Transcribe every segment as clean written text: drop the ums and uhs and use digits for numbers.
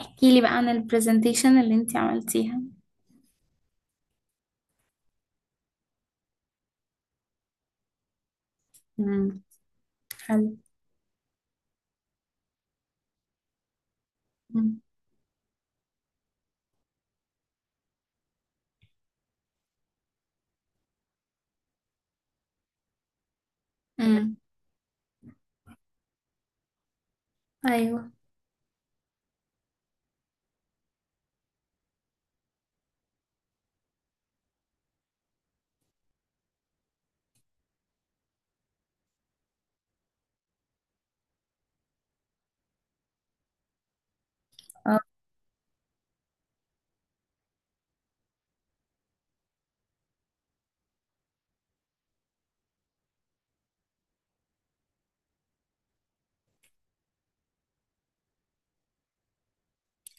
احكي لي بقى عن البرزنتيشن اللي انتي عملتيها. امم حلو. مم. امم ايوه. اه،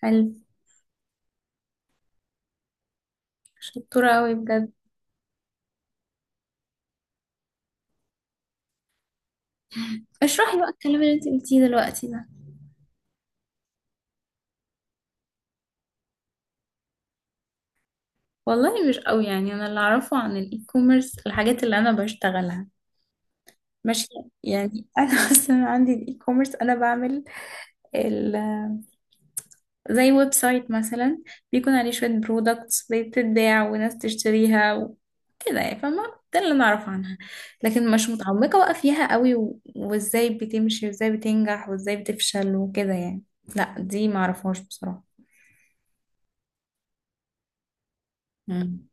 حلو. شطورة قوي بجد. اشرحي بقى الكلام اللي انتي قلتيه دلوقتي ده. والله مش قوي، يعني انا اللي اعرفه عن الاي كوميرس الحاجات اللي انا بشتغلها. ماشي. يعني انا اصلا عندي الاي كوميرس، انا بعمل زي ويب سايت مثلا، بيكون عليه شوية برودكتس بتتباع وناس تشتريها وكده، يعني فاهمة. ده اللي نعرف عنها. لكن مش متعمقة بقى فيها قوي وازاي بتمشي وازاي بتنجح وازاي بتفشل وكده يعني. لا دي معرفهاش بصراحة. مم.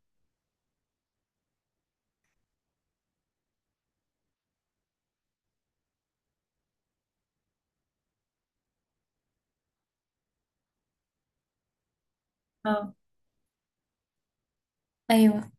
اه. ايوه.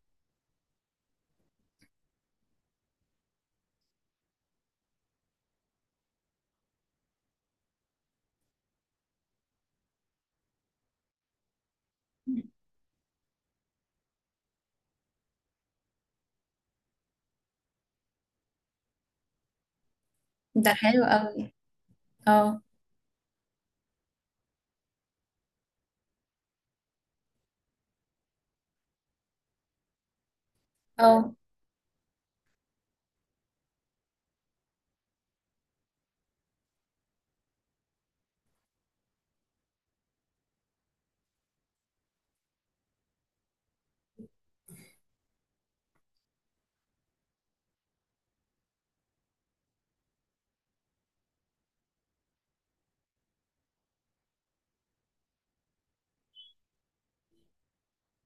ده حلو قوي. اه. اه.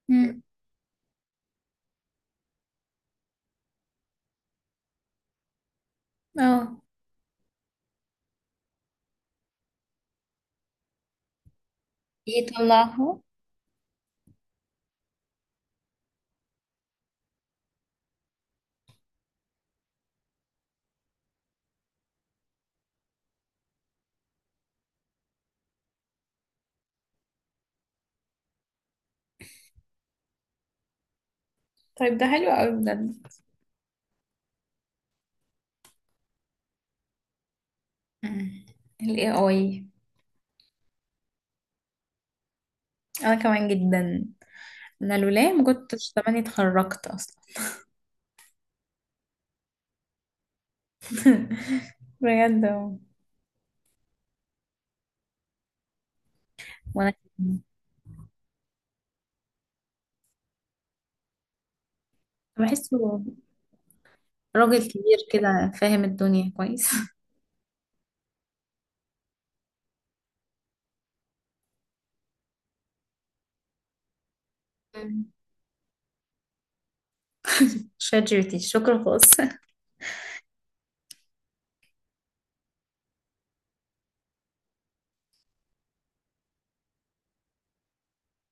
مم. اه. يطلعها. طيب ده حلو قوي بجد. مم. ال AI. انا كمان جدا. انا لولاه ما كنتش زماني اتخرجت اصلا. بجد اهو. وانا كمان. بحسه راجل كبير كده فاهم الدنيا كويس. مم. شات جي بي تي شكرا خالص.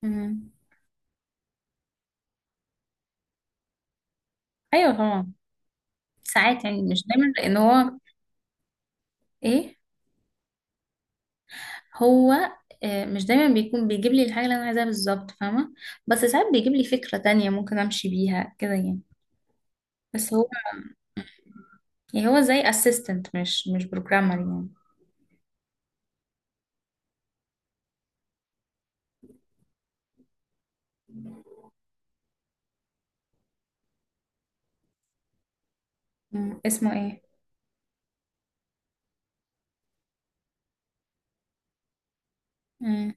مم. ايوه طبعا. ساعات يعني مش دايما، لان هو ايه. هو آه، مش دايما بيكون بيجيب لي الحاجه اللي انا عايزاها بالظبط، فاهمه. بس ساعات بيجيب لي فكره تانية ممكن امشي بيها كده يعني. بس هو، يعني هو زي اسيستنت، مش بروجرامر يعني. مم. اسمه ايه؟ مم.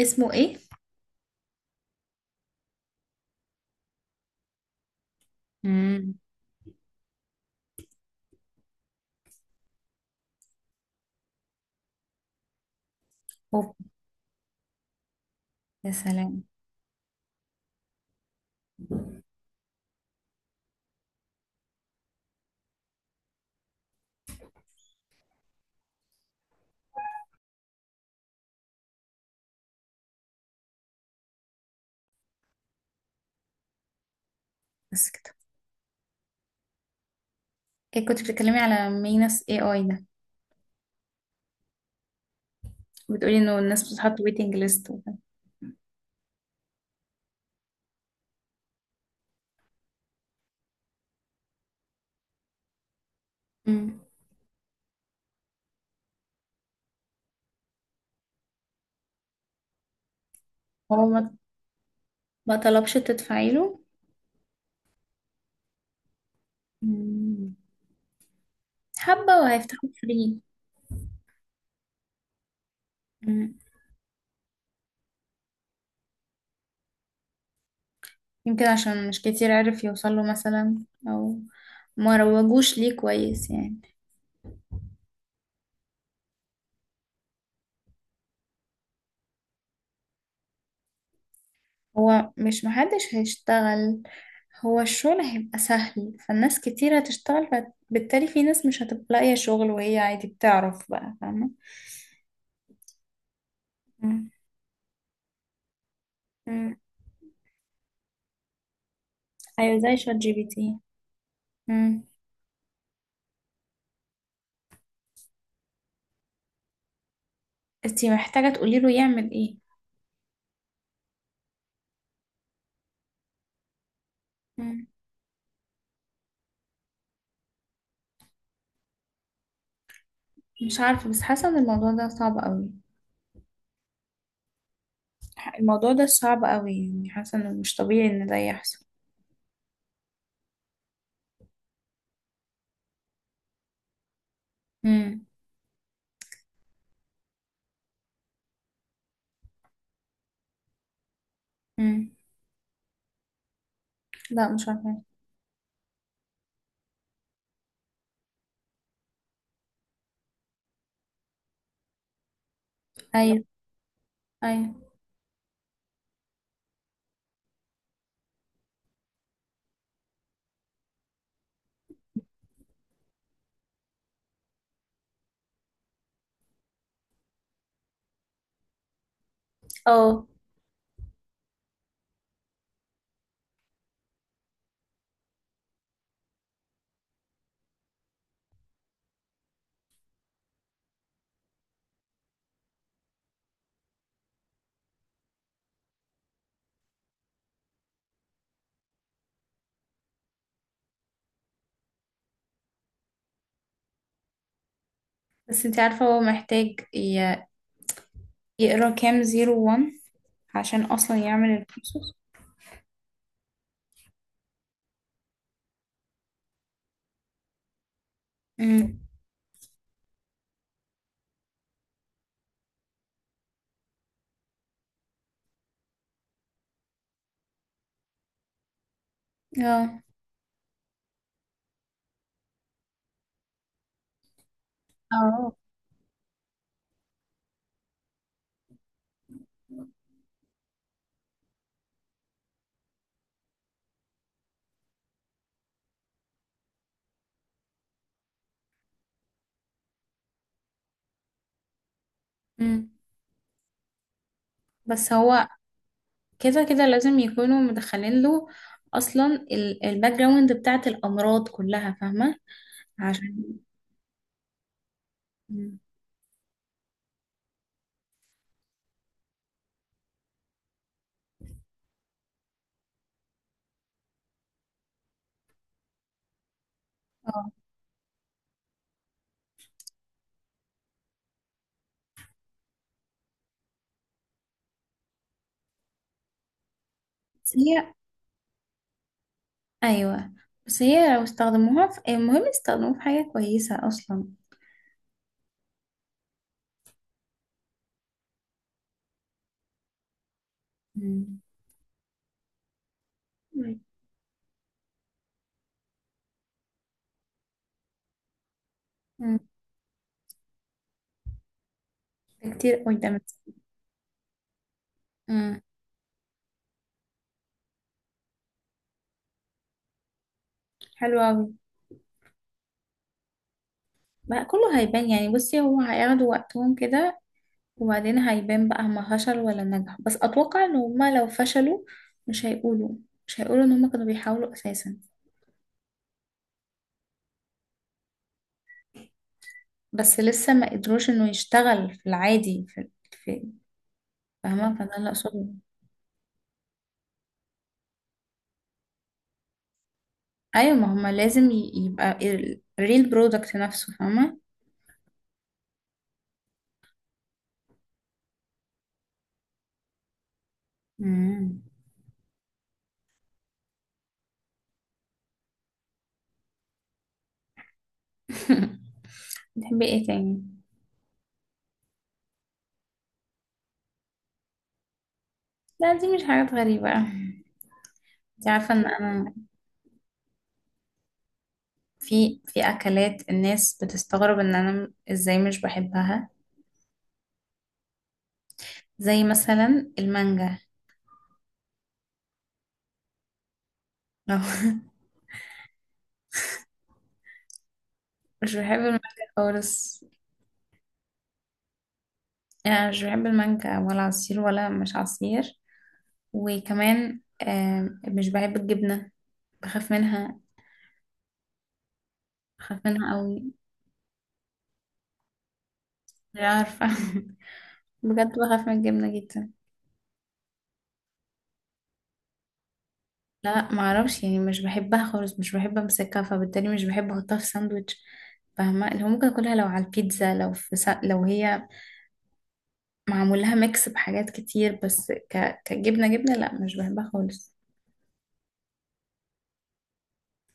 اسمه ايه؟ امم. اوه. يا سلام. بس كده. إيه كنت بتتكلمي على مينس اي اي ده، بتقولي انه الناس بتحط ويتنج ليست وكده. مم. هو ما، ما طلبش تدفعي له؟ مم. حبة وهيفتحوا فري. مم. يمكن عشان مش كتير عرف يوصل له مثلا، او ما روجوش ليه كويس يعني. هو مش محدش هيشتغل، هو الشغل هيبقى سهل، فالناس كتير هتشتغل. فبالتالي في ناس مش هتبقى لاقية شغل وهي عادي بتعرف بقى، فاهمة؟ مم. مم. ايوه زي شات جي بي تي. مم. انتي محتاجة تقولي له يعمل ايه. مم. مش عارفة بس حاسة ان الموضوع ده صعب قوي. الموضوع ده صعب قوي يعني، حاسة انه مش طبيعي ان ده يحصل. مم. مم. لا مش عارفة. ايوه. ايوه. اه. بس انتي عارفة هو محتاج يقرا كام زيرو وان عشان اصلا يعمل البروسس. مم. اه. اه. مم. بس هو، كده كده لازم يكونوا مدخلين له اصلا الباك جراوند بتاعت الامراض كلها، فاهمة؟ عشان. مم. اه. بس هي، ايوه، بس هي لو استخدموها في المهم يستخدموها في حاجة كويسة اصلا. مم. امم. كتير قدامك. امم. حلو قوي. بقى كله هيبان يعني، بصي، هو هياخدوا وقتهم كده، وبعدين هيبان بقى هما فشلوا ولا نجحوا. بس اتوقع ان هما لو فشلوا، مش هيقولوا مش هيقولوا ان هما كانوا بيحاولوا اساسا. بس لسه ما قدروش انه يشتغل في العادي في. فاهمه، فده اللي اقصده. ايوه، ما هما لازم يبقى الريل برودكت نفسه، فاهمه. مم. بتحبي ايه تاني؟ لا دي مش حاجات غريبة. انت عارفة ان انا في اكلات الناس بتستغرب ان انا ازاي مش بحبها. زي مثلا المانجا. مش بحب المانجا خالص. يعني انا مش بحب المانجا ولا عصير ولا مش عصير. وكمان آم، مش بحب الجبنة. بخاف منها. بخاف منها قوي. مش عارفة. بجد بخاف من الجبنة جدا. لا ما اعرفش، يعني مش بحبها خالص، مش بحب امسكها، فبالتالي مش بحب احطها في ساندوتش. فاهمه، اللي هو ممكن اكلها لو على البيتزا، لو في لو هي معمول لها ميكس بحاجات كتير، بس كجبنه جبنه لا مش بحبها خالص.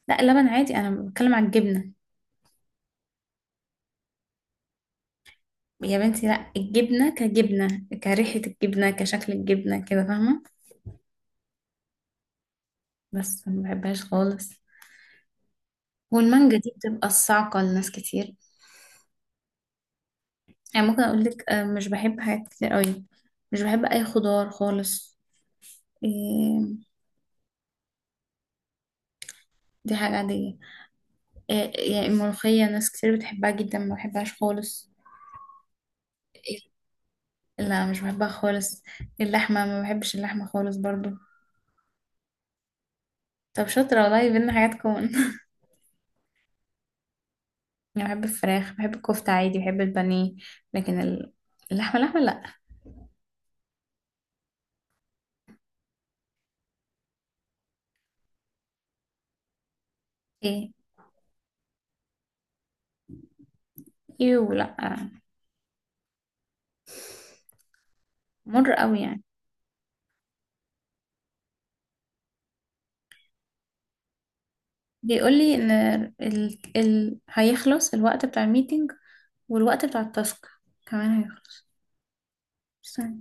لا اللبن عادي، انا بتكلم عن الجبنه. يا بنتي لا، الجبنه كجبنه، كريحه الجبنه، كشكل الجبنه كده، فاهمه؟ بس ما بحبهاش خالص. والمانجا دي بتبقى الصعقه لناس كتير. يعني ممكن اقول لك آه، مش بحب حاجات كتير قوي. مش بحب اي خضار خالص. إيه، دي حاجة عادية. إيه يعني، الملوخية ناس كتير بتحبها جدا، ما بحبهاش خالص. إيه، لا مش بحبها خالص. اللحمة، ما بحبش اللحمة خالص برضو. طب شاطرة، والله بينا حاجات كون. أنا بحب الفراخ، بحب الكفتة عادي، بحب البانيه. لكن اللحمة اللحمة لا. ايه. يو لا. مر قوي يعني. بيقول لي ان هيخلص الوقت بتاع الميتنج، والوقت بتاع التاسك كمان هيخلص.